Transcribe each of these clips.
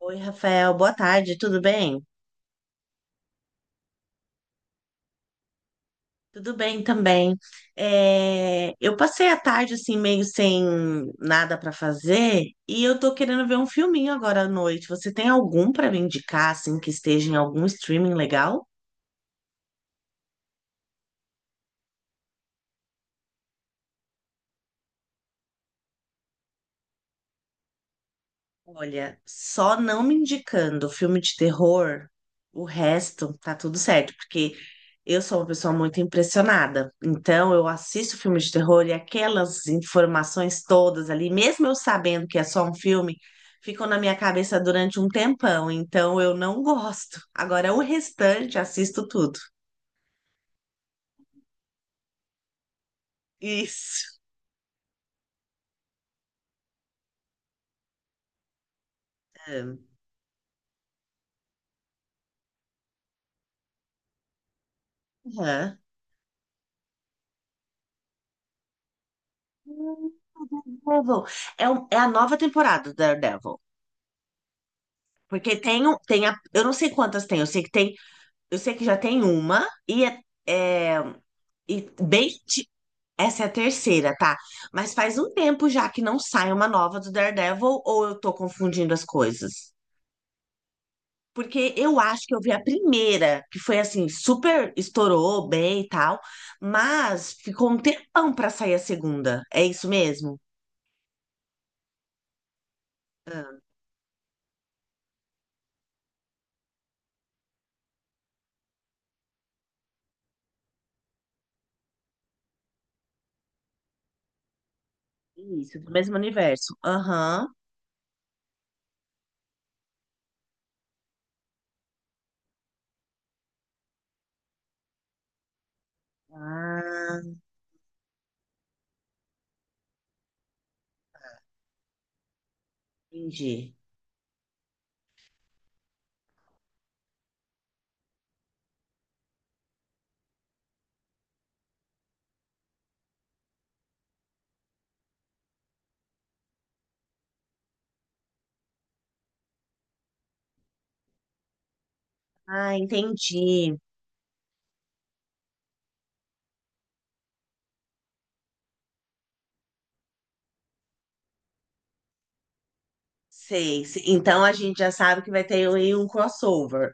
Oi, Rafael, boa tarde, tudo bem? Tudo bem também. É, eu passei a tarde assim, meio sem nada para fazer e eu tô querendo ver um filminho agora à noite. Você tem algum para me indicar, assim, que esteja em algum streaming legal? Olha, só não me indicando filme de terror, o resto tá tudo certo, porque eu sou uma pessoa muito impressionada. Então, eu assisto filme de terror e aquelas informações todas ali, mesmo eu sabendo que é só um filme, ficam na minha cabeça durante um tempão. Então, eu não gosto. Agora, o restante, assisto tudo. Isso. Aham. Daredevil. É a nova temporada do Daredevil. Porque tem, tem a, eu não sei quantas tem, eu sei que já tem uma, é- e bem. anti- Essa é a terceira, tá? Mas faz um tempo já que não sai uma nova do Daredevil, ou eu tô confundindo as coisas? Porque eu acho que eu vi a primeira, que foi assim, super estourou bem e tal, mas ficou um tempão pra sair a segunda. É isso mesmo? Isso, do mesmo universo. Aham. Ah, entendi. Ah, entendi. Sei. Então a gente já sabe que vai ter aí um crossover.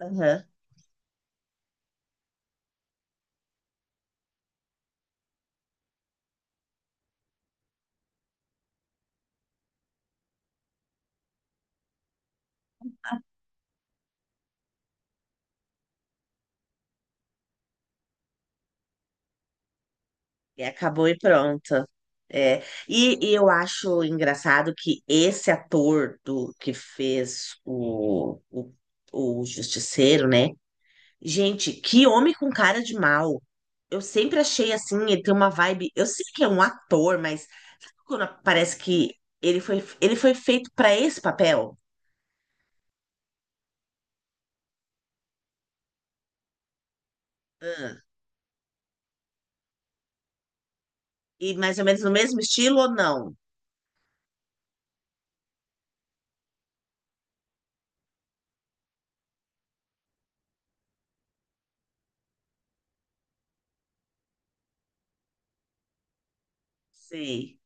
Aham. E acabou e pronto. É. E eu acho engraçado que esse ator do que fez o Justiceiro, né? Gente, que homem com cara de mal. Eu sempre achei assim, ele tem uma vibe. Eu sei que é um ator, mas quando parece que ele foi feito para esse papel. Ah, e mais ou menos no mesmo estilo ou não? Sei.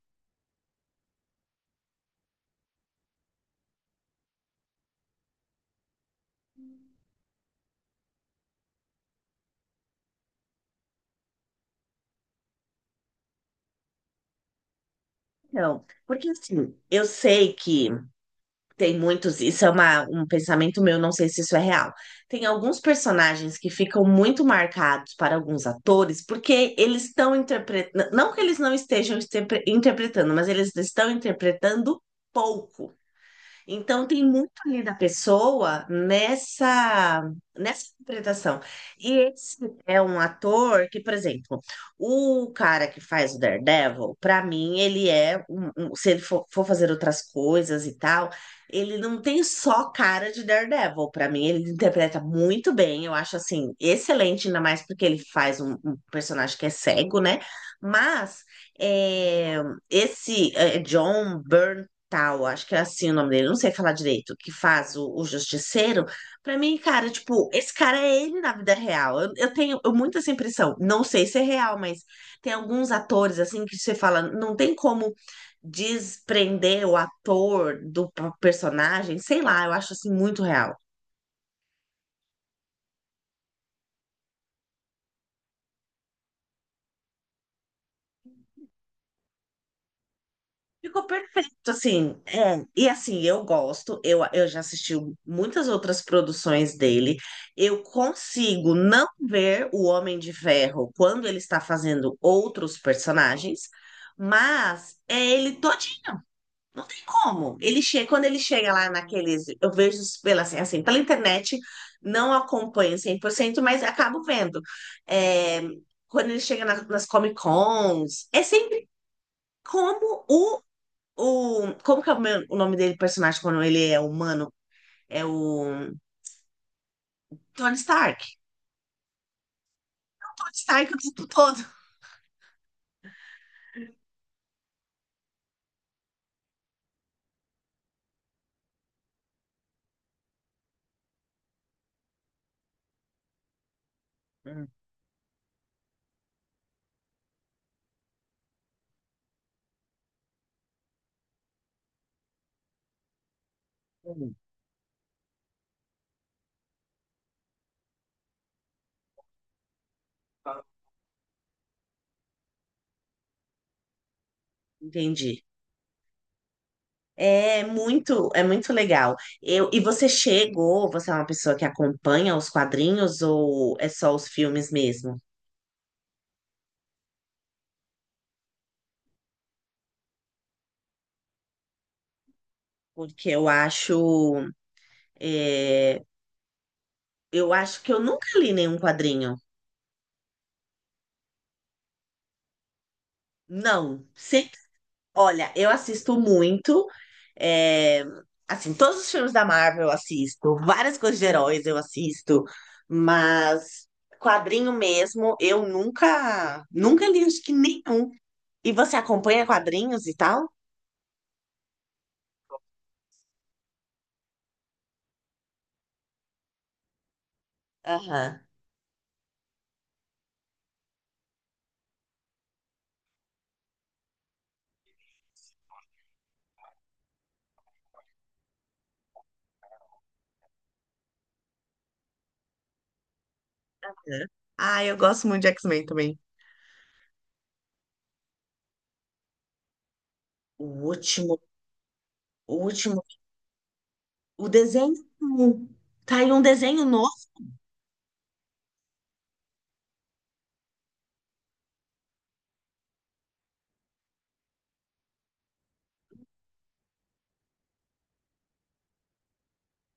Não, porque assim, eu sei que tem muitos, isso é um pensamento meu, não sei se isso é real. Tem alguns personagens que ficam muito marcados para alguns atores, porque eles estão interpretando, não que eles não estejam interpretando, mas eles estão interpretando pouco. Então, tem muito ali da pessoa nessa interpretação. E esse é um ator que, por exemplo, o cara que faz o Daredevil, para mim, ele é, um- um- se ele for, for fazer outras coisas e tal, ele não tem só cara de Daredevil. Para mim, ele interpreta muito bem, eu acho assim, excelente, ainda mais porque ele faz um personagem que é cego, né? Mas. é, Esse é John Byrne Tal, acho que é assim o nome dele, não sei falar direito, que faz o Justiceiro. Pra mim, cara, tipo, esse cara é ele na vida real. Eu tenho muito essa impressão. Não sei se é real, mas tem alguns atores, assim, que você fala, não tem como desprender o ator do personagem, sei lá, eu acho assim muito real. Ficou perfeito, assim, é. E assim, eu gosto, eu já assisti muitas outras produções dele. Eu consigo não ver o Homem de Ferro quando ele está fazendo outros personagens, mas é ele todinho, não tem como. Quando ele chega lá naqueles, eu vejo pela, assim, pela internet, não acompanho 100%, mas acabo vendo. É, quando ele chega nas Comic Cons, é sempre como como que é o nome dele, personagem, quando ele é humano? É o Tony Stark. Tony Stark o tempo todo. Hum. Entendi. É muito legal. E você é uma pessoa que acompanha os quadrinhos ou é só os filmes mesmo? Porque é, eu acho que eu nunca li nenhum quadrinho. Não, olha, eu assisto muito. é, assim, todos os filmes da Marvel eu assisto, várias coisas de heróis eu assisto, mas quadrinho mesmo, eu nunca, nunca li acho que nenhum. E você acompanha quadrinhos e tal? Aham. É. Ah, eu gosto muito de X-Men também. O último, o último, o desenho. Tá aí um desenho novo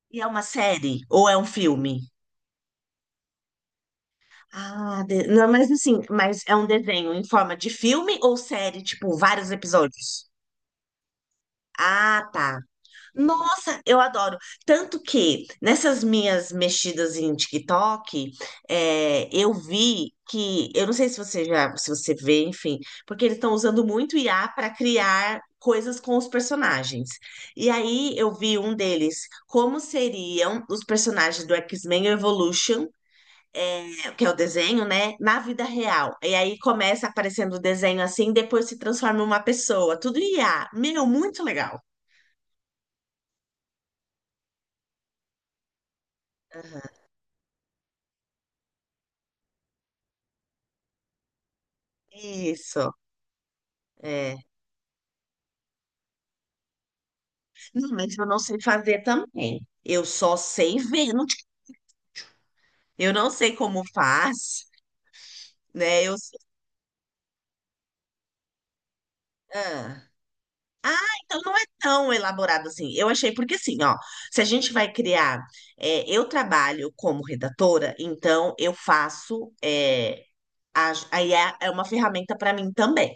e é uma série ou é um filme? Ah, não, mas assim, é um desenho em forma de filme ou série, tipo, vários episódios? Ah, tá. Nossa, eu adoro. Tanto que nessas minhas mexidas em TikTok, eu vi eu não sei se você vê, enfim, porque eles estão usando muito IA para criar coisas com os personagens. E aí eu vi um deles, como seriam os personagens do X-Men Evolution, que é o desenho, né? Na vida real. E aí começa aparecendo o desenho assim, depois se transforma em uma pessoa. Tudo IA. Meu, muito legal. Aham. Isso, é. Não, mas eu não sei fazer também. Eu só sei ver. Eu não sei como faz, né? Ah. Ah, então não é tão elaborado assim. Eu achei, porque assim, ó, se a gente vai criar, eu trabalho como redatora, então eu faço, a IA é uma ferramenta para mim também.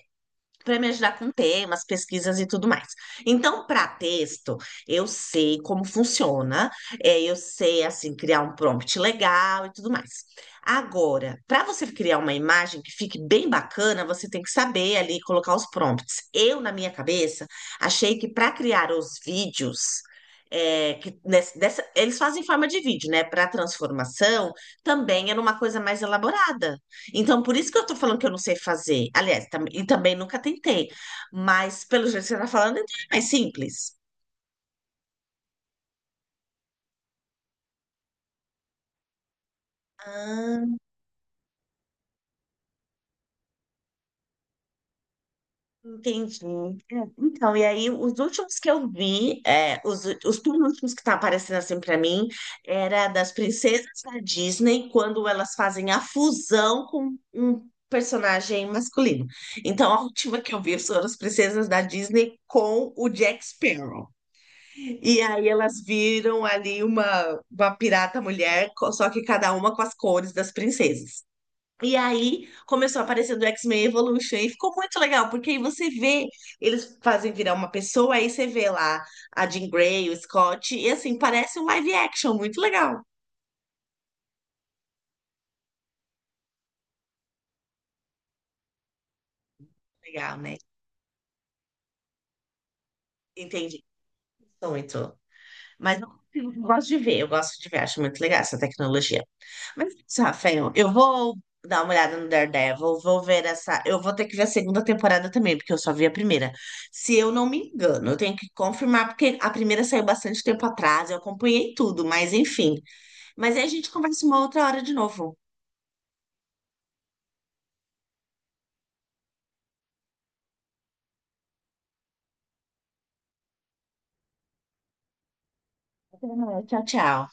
Para me ajudar com temas, pesquisas e tudo mais. Então, para texto, eu sei como funciona, eu sei assim criar um prompt legal e tudo mais. Agora, para você criar uma imagem que fique bem bacana, você tem que saber ali colocar os prompts. Eu, na minha cabeça, achei que para criar os vídeos, que eles fazem em forma de vídeo, né? Para transformação também era uma coisa mais elaborada. Então, por isso que eu tô falando que eu não sei fazer. Aliás, e também nunca tentei. Mas, pelo jeito que você tá falando, então é mais simples. Ah, entendi. Então, e aí, os últimos que eu vi, os penúltimos que tá aparecendo assim pra mim, era das princesas da Disney, quando elas fazem a fusão com um personagem masculino. Então, a última que eu vi foram as princesas da Disney com o Jack Sparrow. E aí elas viram ali uma pirata mulher, só que cada uma com as cores das princesas. E aí começou a aparecer do X-Men Evolution e ficou muito legal, porque aí você vê, eles fazem virar uma pessoa, aí você vê lá a Jean Grey, o Scott, e assim, parece um live action, muito legal. Legal, né? Entendi. Muito. Mas eu gosto de ver, eu gosto de ver, acho muito legal essa tecnologia. Mas, Rafael, eu vou dar uma olhada no Daredevil, vou ver essa. Eu vou ter que ver a segunda temporada também, porque eu só vi a primeira. Se eu não me engano, eu tenho que confirmar, porque a primeira saiu bastante tempo atrás, eu acompanhei tudo, mas enfim. Mas aí a gente conversa uma outra hora de novo. Até mais. Tchau, tchau.